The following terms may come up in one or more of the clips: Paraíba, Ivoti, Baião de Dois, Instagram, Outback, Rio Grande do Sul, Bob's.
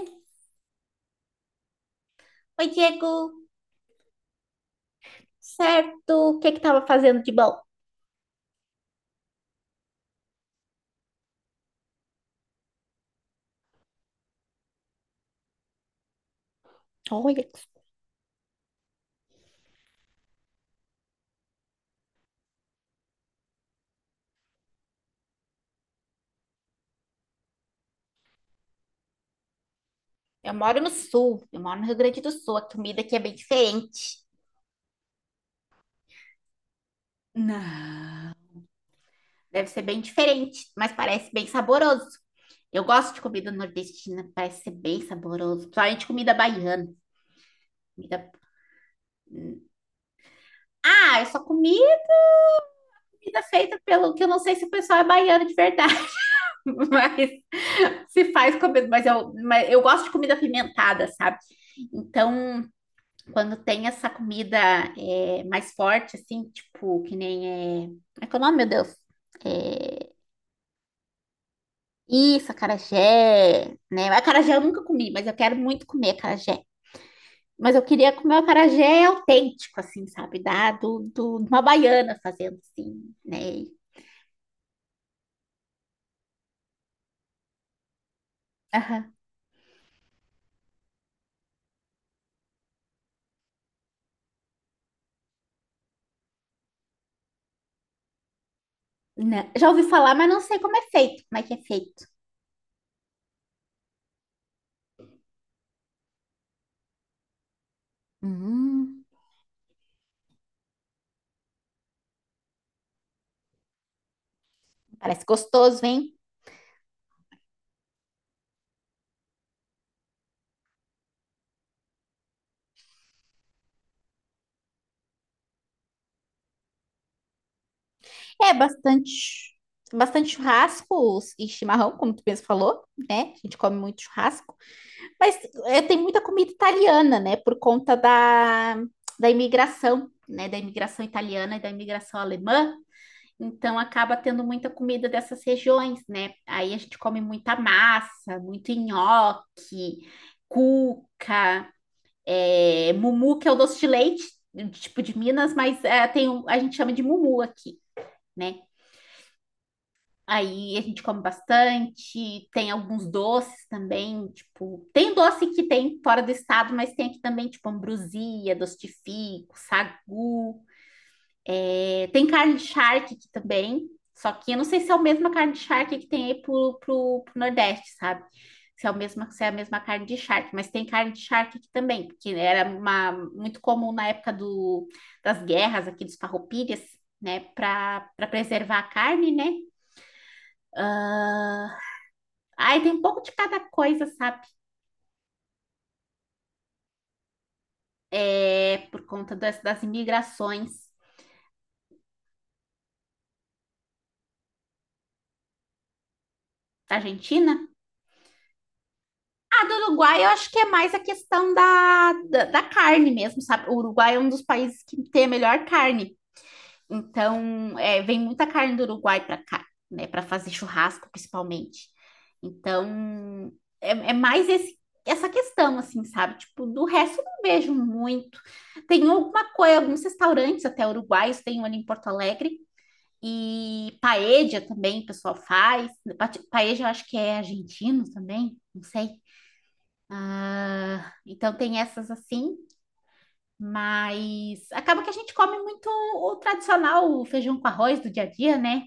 Oi, Diego. Certo. O que é que tava fazendo de bom? Olha, eu moro no sul, eu moro no Rio Grande do Sul. A comida aqui é bem diferente. Não. Deve ser bem diferente, mas parece bem saboroso. Eu gosto de comida nordestina, parece ser bem saboroso. Principalmente comida baiana. Comida... hum. Ah, eu só comi comida feita pelo que eu não sei se o pessoal é baiano de verdade, mas se faz comida. Mas eu gosto de comida apimentada, sabe? Então. Quando tem essa comida mais forte, assim, tipo, que nem é. Como é que é o nome, meu Deus? É... Isso, acarajé, né? Acarajé eu nunca comi, mas eu quero muito comer acarajé. Mas eu queria comer o acarajé autêntico, assim, sabe? De uma baiana fazendo, assim, né? Aham. Né? Já ouvi falar, mas não sei como é feito, como é que é feito. Hum, parece gostoso, hein? É bastante, bastante churrascos e chimarrão, como tu mesmo falou, né? A gente come muito churrasco, mas tem muita comida italiana, né? Por conta da imigração, né? Da imigração italiana e da imigração alemã. Então acaba tendo muita comida dessas regiões, né? Aí a gente come muita massa, muito nhoque, cuca, mumu, que é o doce de leite, tipo de Minas, mas a gente chama de mumu aqui, né? Aí a gente come bastante, tem alguns doces também, tipo, tem doce que tem fora do estado, mas tem aqui também, tipo, ambrosia, doce de fico, sagu. É, tem carne de charque aqui também, só que eu não sei se é a mesma carne de charque que tem aí pro Nordeste, sabe? Se é a mesma carne de charque, mas tem carne de charque aqui também, porque era uma, muito comum na época do, das guerras aqui dos farroupilhas, né, para preservar a carne, né? Ah, ai tem um pouco de cada coisa, sabe? É, por conta das imigrações da Argentina. Ah, do Uruguai eu acho que é mais a questão da carne mesmo, sabe? O Uruguai é um dos países que tem a melhor carne. Então, é, vem muita carne do Uruguai para cá, né? Para fazer churrasco, principalmente. Então, é, é mais esse essa questão, assim, sabe? Tipo, do resto eu não vejo muito. Tem alguma coisa, alguns restaurantes até uruguaios, tem um ali em Porto Alegre. E paella também o pessoal faz. Paella eu acho que é argentino também, não sei. Ah, então tem essas assim, mas acaba que a gente come muito o tradicional, o feijão com arroz do dia a dia, né?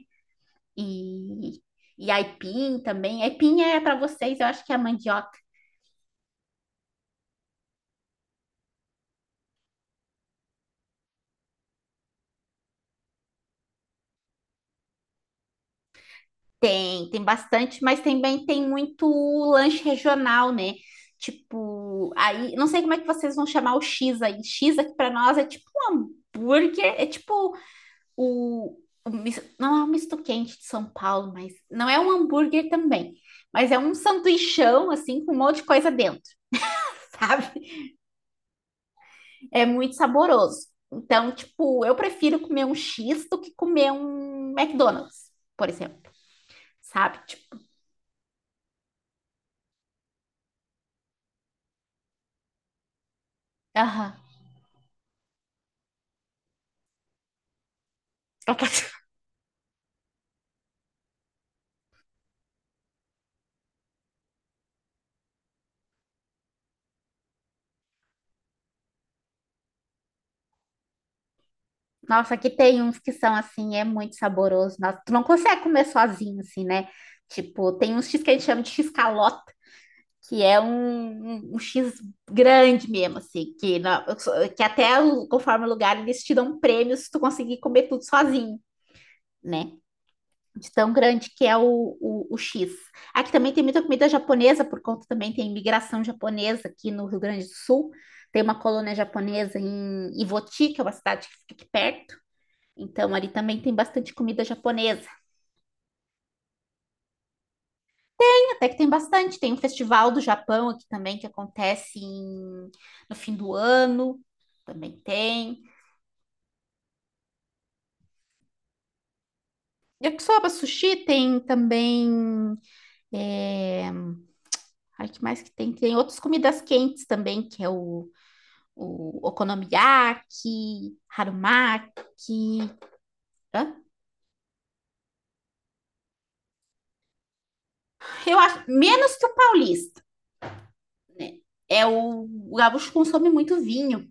E, e aipim também. Aipim é para vocês, eu acho que é a mandioca. Tem, tem bastante, mas também tem muito lanche regional, né? Tipo, aí, não sei como é que vocês vão chamar o X aí. X aqui pra nós é tipo um hambúrguer, é tipo o, o não é um misto quente de São Paulo, mas não é um hambúrguer também. Mas é um sanduichão, assim, com um monte de coisa dentro, sabe? É muito saboroso. Então, tipo, eu prefiro comer um X do que comer um McDonald's, por exemplo, sabe? Tipo, aham. Nossa, aqui tem uns que são assim, é muito saboroso. Nossa, tu não consegue comer sozinho, assim, né? Tipo, tem uns X que a gente chama de X calota, que é um X grande mesmo, assim, que até conforme o lugar eles te dão um prêmio se tu conseguir comer tudo sozinho, né? De tão grande que é o X. Aqui também tem muita comida japonesa, por conta também tem imigração japonesa aqui no Rio Grande do Sul. Tem uma colônia japonesa em Ivoti, que é uma cidade que fica aqui perto. Então, ali também tem bastante comida japonesa. Tem até que tem bastante. Tem um festival do Japão aqui também, no fim do ano. Também tem. Yakisoba sushi tem também. É... Ai, que mais que tem? Tem outras comidas quentes também, que é o okonomiyaki, harumaki. Hã? Eu acho menos que o paulista, né? É o gaúcho consome muito vinho.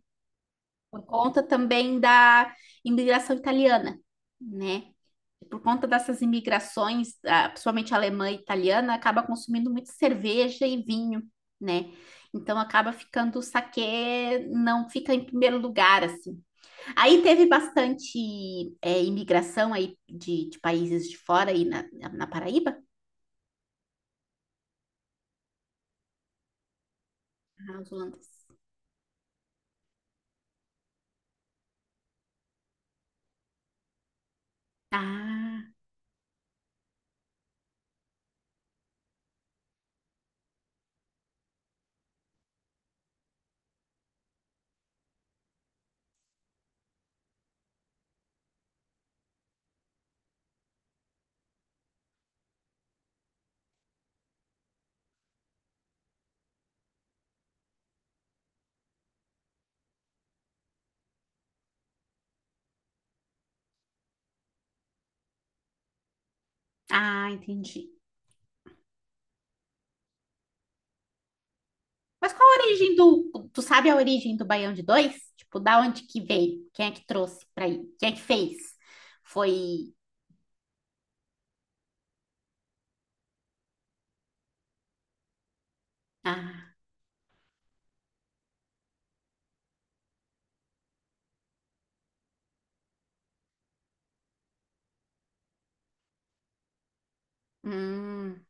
Por conta também da imigração italiana, né? Por conta dessas imigrações, ah, principalmente alemã e italiana, acaba consumindo muito cerveja e vinho, né? Então acaba ficando o saquê, não fica em primeiro lugar, assim. Aí teve bastante imigração aí de países de fora aí na Paraíba. Ah, os holandeses. Ah, ah, entendi. Mas qual a origem do. Tu sabe a origem do Baião de Dois? Tipo, da onde que veio? Quem é que trouxe pra aí? Quem é que fez? Foi. Ah, hum,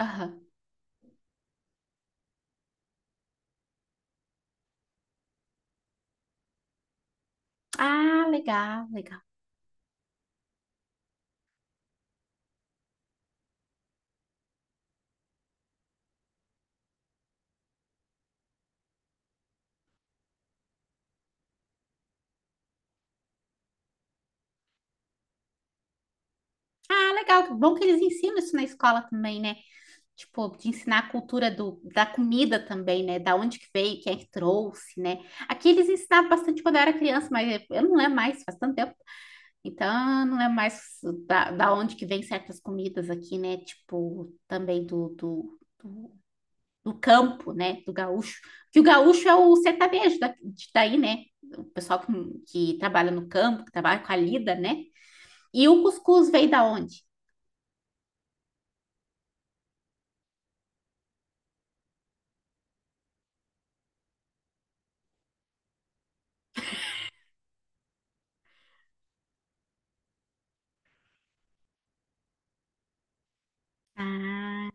aham. Ah, legal, legal. Ah, legal. Bom que eles ensinam isso na escola também, né? Tipo, de ensinar a cultura do, da comida também, né? Da onde que veio, quem é que trouxe, né? Aqui eles ensinavam bastante quando eu era criança, mas eu não lembro mais, faz tanto tempo. Então, não é mais da onde que vem certas comidas aqui, né? Tipo, também do campo, né? Do gaúcho. Que o gaúcho é o sertanejo daí, né? O pessoal que trabalha no campo, que trabalha com a lida, né? E o cuscuz veio da onde? Ah,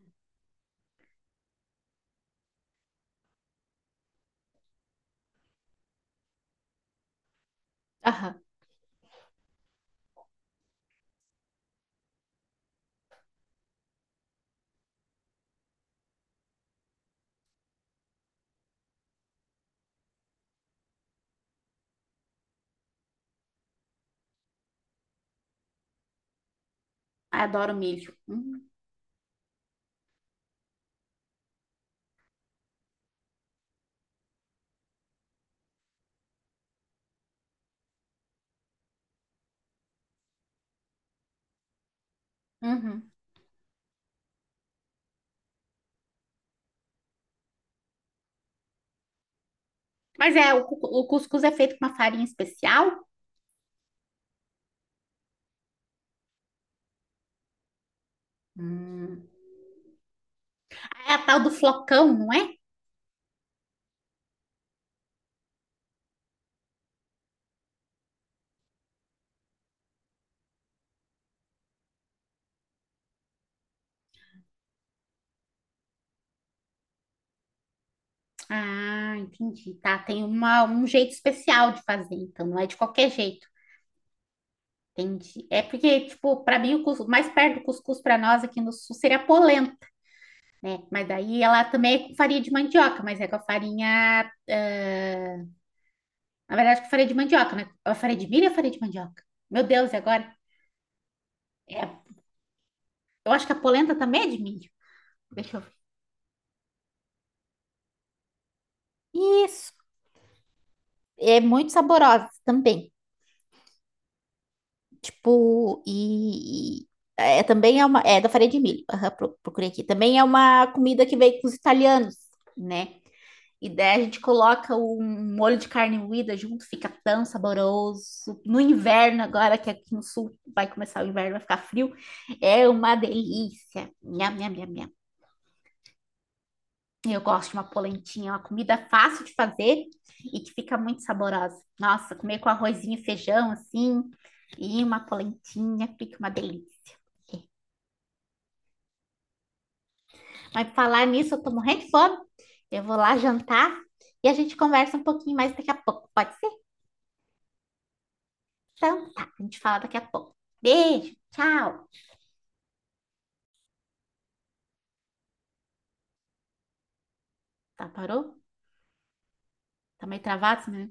aham. Ah, adoro milho. Uhum. Mas é, o cuscuz é feito com uma farinha especial. Hum. É a tal do flocão, não é? Ah, entendi. Tá, tem uma, um jeito especial de fazer, então não é de qualquer jeito. Entendi. É porque, tipo, para mim o mais perto do cuscuz para nós aqui no sul seria a polenta, né? Mas daí ela também é com farinha de mandioca, mas é com a farinha, ah, na verdade, com farinha de mandioca, né? A farinha de milho ou a farinha de mandioca? Meu Deus, e agora? É, eu acho que a polenta também é de milho. Deixa eu ver. Isso. É muito saborosa também. Tipo, também é uma. É da farinha de milho. Aham, procurei aqui. Também é uma comida que veio com os italianos, né? E daí a gente coloca um molho de carne moída junto, fica tão saboroso. No inverno, agora que aqui no sul vai começar o inverno, vai ficar frio, é uma delícia. Nham, nham, nham, nham. Eu gosto de uma polentinha, uma comida fácil de fazer e que fica muito saborosa. Nossa, comer com arrozinho e feijão assim, e uma polentinha, fica uma delícia. Aí, pra falar nisso, eu tô morrendo de fome. Eu vou lá jantar e a gente conversa um pouquinho mais daqui a pouco. Pode ser? Então, tá. A gente fala daqui a pouco. Beijo, tchau. Tá, parou? Tá meio travado, né?